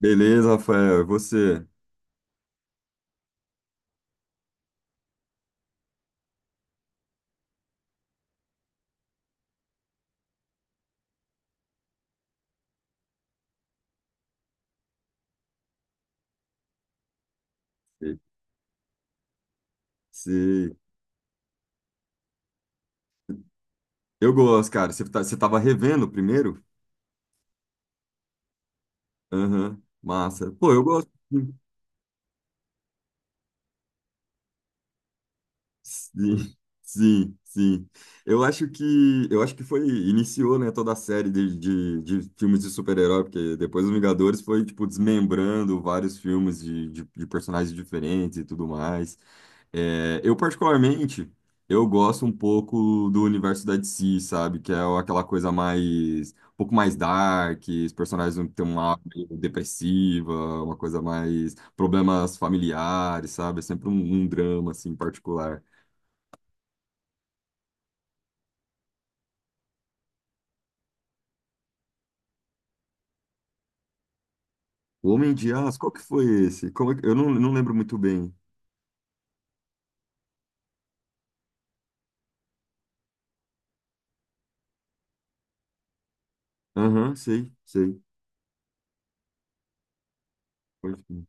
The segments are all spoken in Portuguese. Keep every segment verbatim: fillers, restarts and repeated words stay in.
Beleza, Rafael. E você? E- Se... Eu gosto, cara. Você tá... você tava revendo o primeiro? Aham. Massa. Pô, eu gosto. Sim, sim, sim. Eu acho que eu acho que foi iniciou, né, toda a série de, de, de filmes de super-herói, porque depois os Vingadores foi tipo desmembrando vários filmes de, de, de personagens diferentes e tudo mais. É, eu particularmente eu gosto um pouco do universo da D C, sabe, que é aquela coisa mais um pouco mais dark, os personagens têm uma aura meio depressiva, uma coisa mais problemas familiares, sabe? É sempre um, um drama assim particular. O Homem de Aço, qual que foi esse? Como é que- Eu não, não lembro muito bem. Aham, sei, sei. Pode crer.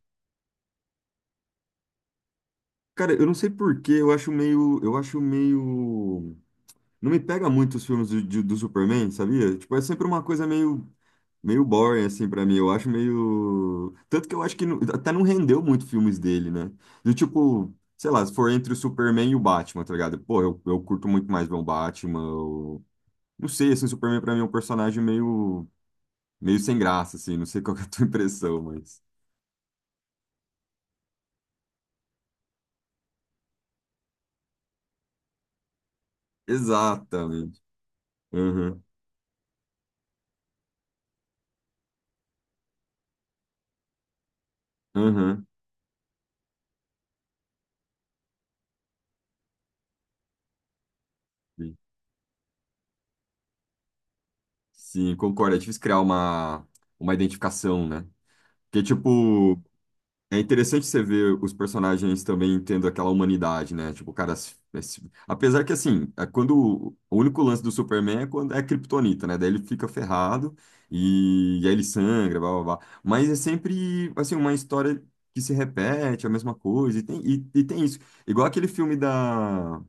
Cara, eu não sei por quê, eu acho meio, eu acho meio, não me pega muito os filmes do, de- do Superman, sabia? Tipo, é sempre uma coisa meio, meio boring assim pra mim. Eu acho meio, tanto que eu acho que não- até não rendeu muito filmes dele, né? Do tipo, sei lá, se for entre o Superman e o Batman, tá ligado? Pô, eu, eu curto muito mais ver o Batman. Eu... Não sei, assim, o Superman pra mim é um personagem meio Meio sem graça, assim, não sei qual que é a tua impressão, mas. Exatamente. Uhum, uhum. Sim, Sim, concordo. É difícil criar uma, uma identificação, né? Porque, tipo, é interessante você ver os personagens também tendo aquela humanidade, né? Tipo, o cara. se- é, se- Apesar que, assim, é quando. O único lance do Superman é quando é a Kryptonita, né? Daí ele fica ferrado e, e aí ele sangra, blá blá blá. Mas é sempre, assim, uma história que se repete, a mesma coisa. E tem, e, e tem isso. Igual aquele filme da.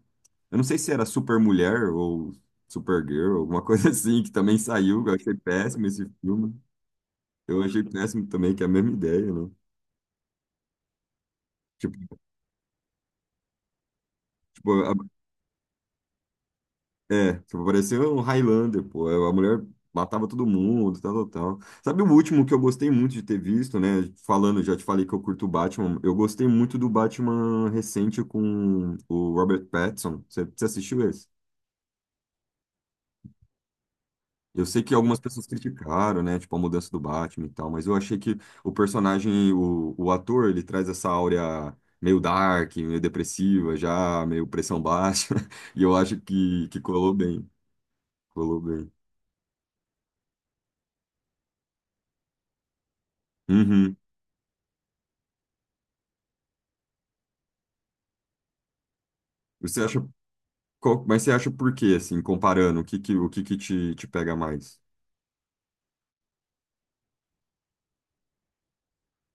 Eu não sei se era Super Mulher ou Supergirl, alguma coisa assim, que também saiu. Eu achei péssimo esse filme. Eu achei péssimo também, que é a mesma ideia, né? Tipo, tipo, é, tipo, parecia um Highlander, pô. É, a mulher matava todo mundo, tal, tal, tal. Sabe o último que eu gostei muito de ter visto, né? Falando, já te falei que eu curto o Batman. Eu gostei muito do Batman recente com o Robert Pattinson. Você, você assistiu esse? Eu sei que algumas pessoas criticaram, né? Tipo, a mudança do Batman e tal, mas eu achei que o personagem, o, o ator, ele traz essa áurea meio dark, meio depressiva, já meio pressão baixa. E eu acho que, que colou bem. Colou bem. Uhum. Você acha. Qual- mas você acha por quê, assim, comparando, o que que, o que que te, te pega mais?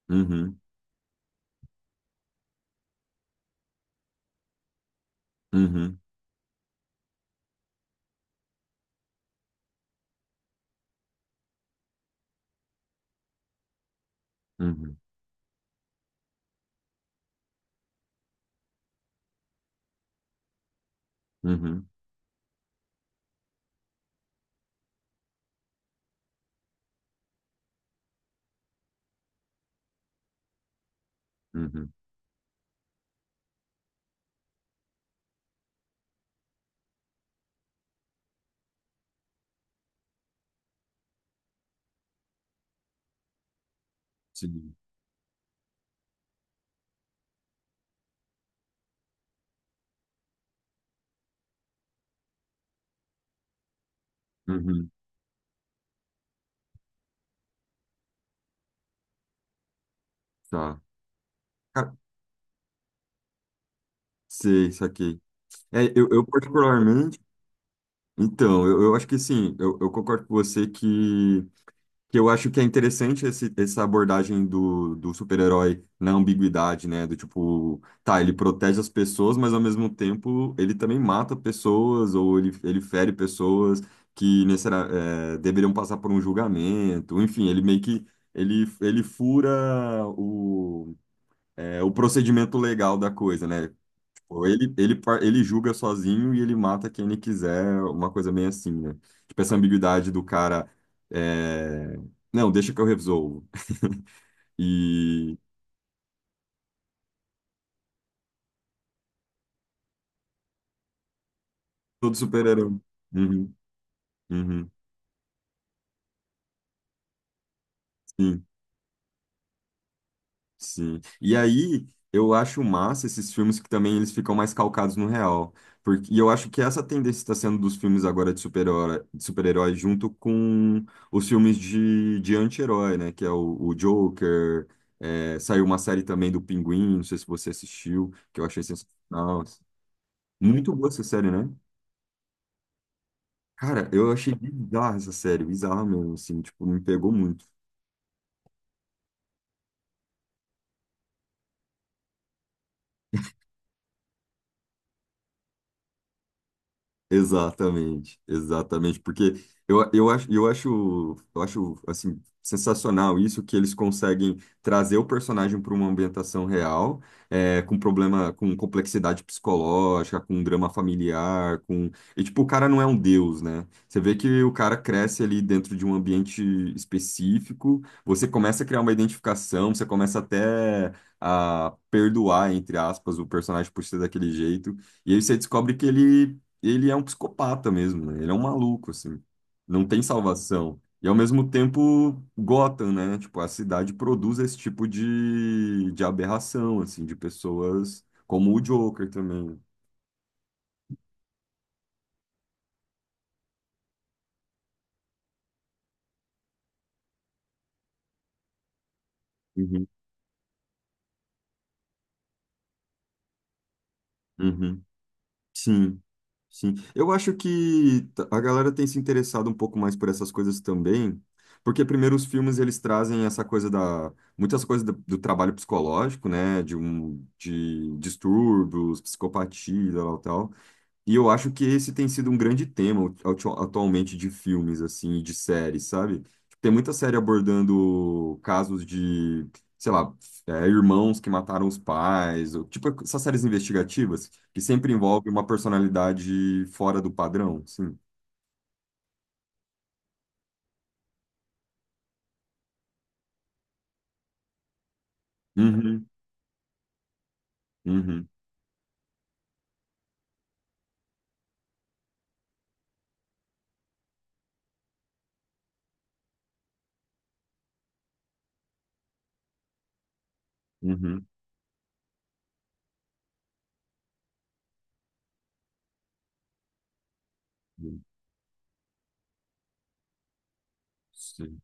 Uhum, uhum, uhum, uhum, uhum, sim, uhum, tá. Ca- Sei, saquei. É, eu, eu particularmente, então, eu, eu acho que sim, eu, eu concordo com você que que eu acho que é interessante esse, essa abordagem do, do super-herói na ambiguidade, né? Do tipo, tá, ele protege as pessoas, mas ao mesmo tempo ele também mata pessoas ou ele, ele fere pessoas que necessari- é, deveriam passar por um julgamento. Enfim, ele meio que ele, ele fura o, é, o procedimento legal da coisa, né? Ou ele, ele, par- ele julga sozinho e ele mata quem ele quiser, uma coisa bem assim, né? Tipo, essa ambiguidade do cara, é... Não, deixa que eu resolvo. e todo super herói. Sim. E aí, eu acho massa esses filmes que também eles ficam mais calcados no real. Porque, e eu acho que essa tendência está sendo dos filmes agora de super-herói, de super-herói junto com os filmes de, de anti-herói, né? Que é o, o Joker. É, saiu uma série também do Pinguim, não sei se você assistiu, que eu achei sensacional. Muito boa essa série, né? Cara, eu achei bizarra essa série, bizarra mesmo, assim, tipo, me pegou muito. Exatamente, exatamente, porque eu, eu acho, eu acho, eu acho assim, sensacional isso que eles conseguem trazer o personagem para uma ambientação real, é, com problema, com complexidade psicológica, com drama familiar, com e tipo o cara não é um deus, né? Você vê que o cara cresce ali dentro de um ambiente específico, você começa a criar uma identificação, você começa até a perdoar, entre aspas, o personagem por ser daquele jeito. E aí você descobre que ele ele é um psicopata mesmo, né? Ele é um maluco, assim. Não tem salvação. E ao mesmo tempo, Gotham, né? Tipo, a cidade produz esse tipo de, de aberração, assim, de pessoas como o Joker também. Uhum, uhum. Sim, sim. Eu acho que t- a galera tem se interessado um pouco mais por essas coisas também, porque primeiro os filmes eles trazem essa coisa da muitas coisas do, do trabalho psicológico, né, de um de distúrbios, psicopatia, tal, tal. E eu acho que esse tem sido um grande tema atu- atualmente de filmes, assim, e de séries, sabe? Tipo, tem muita série abordando casos de, sei lá, é, irmãos que mataram os pais, ou, tipo essas séries investigativas, que sempre envolve uma personalidade fora do padrão, sim. Uhum, uhum, uhum. Uhum. Sim.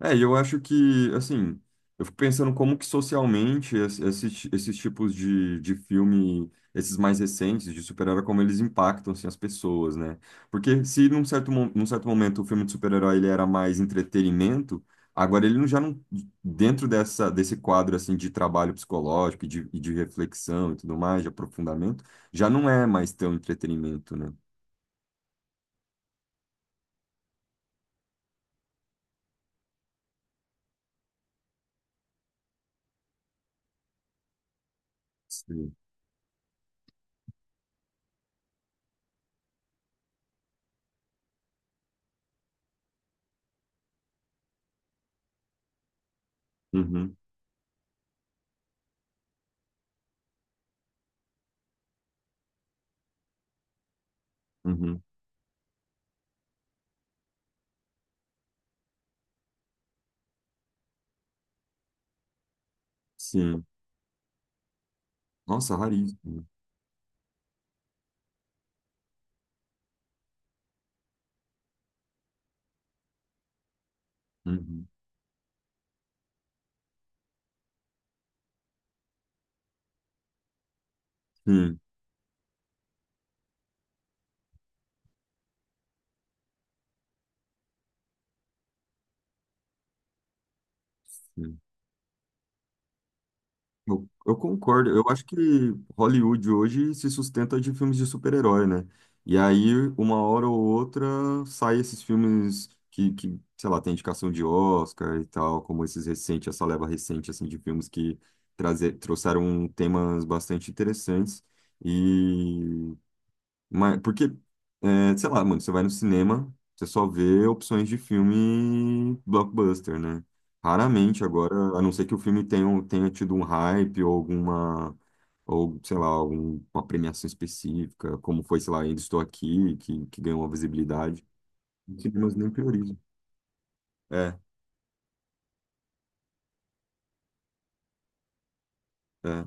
É, e eu acho que, assim, eu fico pensando como que socialmente es- esses, ti- esses tipos de, de filme, esses mais recentes de super-herói, como eles impactam, assim, as pessoas, né? Porque se num certo, mo- num certo momento o filme de super-herói ele era mais entretenimento, agora ele não- já não, dentro dessa, desse quadro, assim, de trabalho psicológico e de, e de reflexão e tudo mais, de aprofundamento, já não é mais tão entretenimento, né? Sim. Uhum, uhum, sim. Nossa, raríssimo. Uhum, sim. Eu, eu concordo. Eu acho que Hollywood hoje se sustenta de filmes de super-herói, né? E aí, uma hora ou outra, sai esses filmes que, que, sei lá, tem indicação de Oscar e tal, como esses recentes, essa leva recente, assim, de filmes que trazer, trouxeram temas bastante interessantes. E mas, porque, é, sei lá, mano, você vai no cinema, você só vê opções de filme blockbuster, né? Raramente agora, a não ser que o filme tenha, um- tenha tido um hype ou alguma, ou sei lá, alguma premiação específica, como foi, sei lá, Ainda Estou Aqui, que, que ganhou uma visibilidade. Os cinemas nem priorizam. É, é,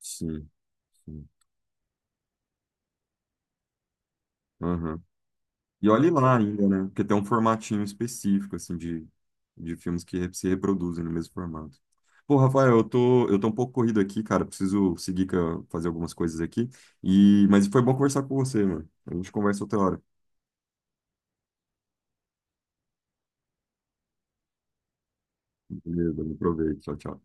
sim, sim. Aham. E olhe lá ainda, né? Porque tem um formatinho específico, assim, de, de filmes que re- se reproduzem no mesmo formato. Pô, Rafael, eu tô, eu tô um pouco corrido aqui, cara. Preciso seguir que eu- fazer algumas coisas aqui. E, mas foi bom conversar com você, mano. A gente conversa outra hora. Beleza, aproveite. Tchau, tchau.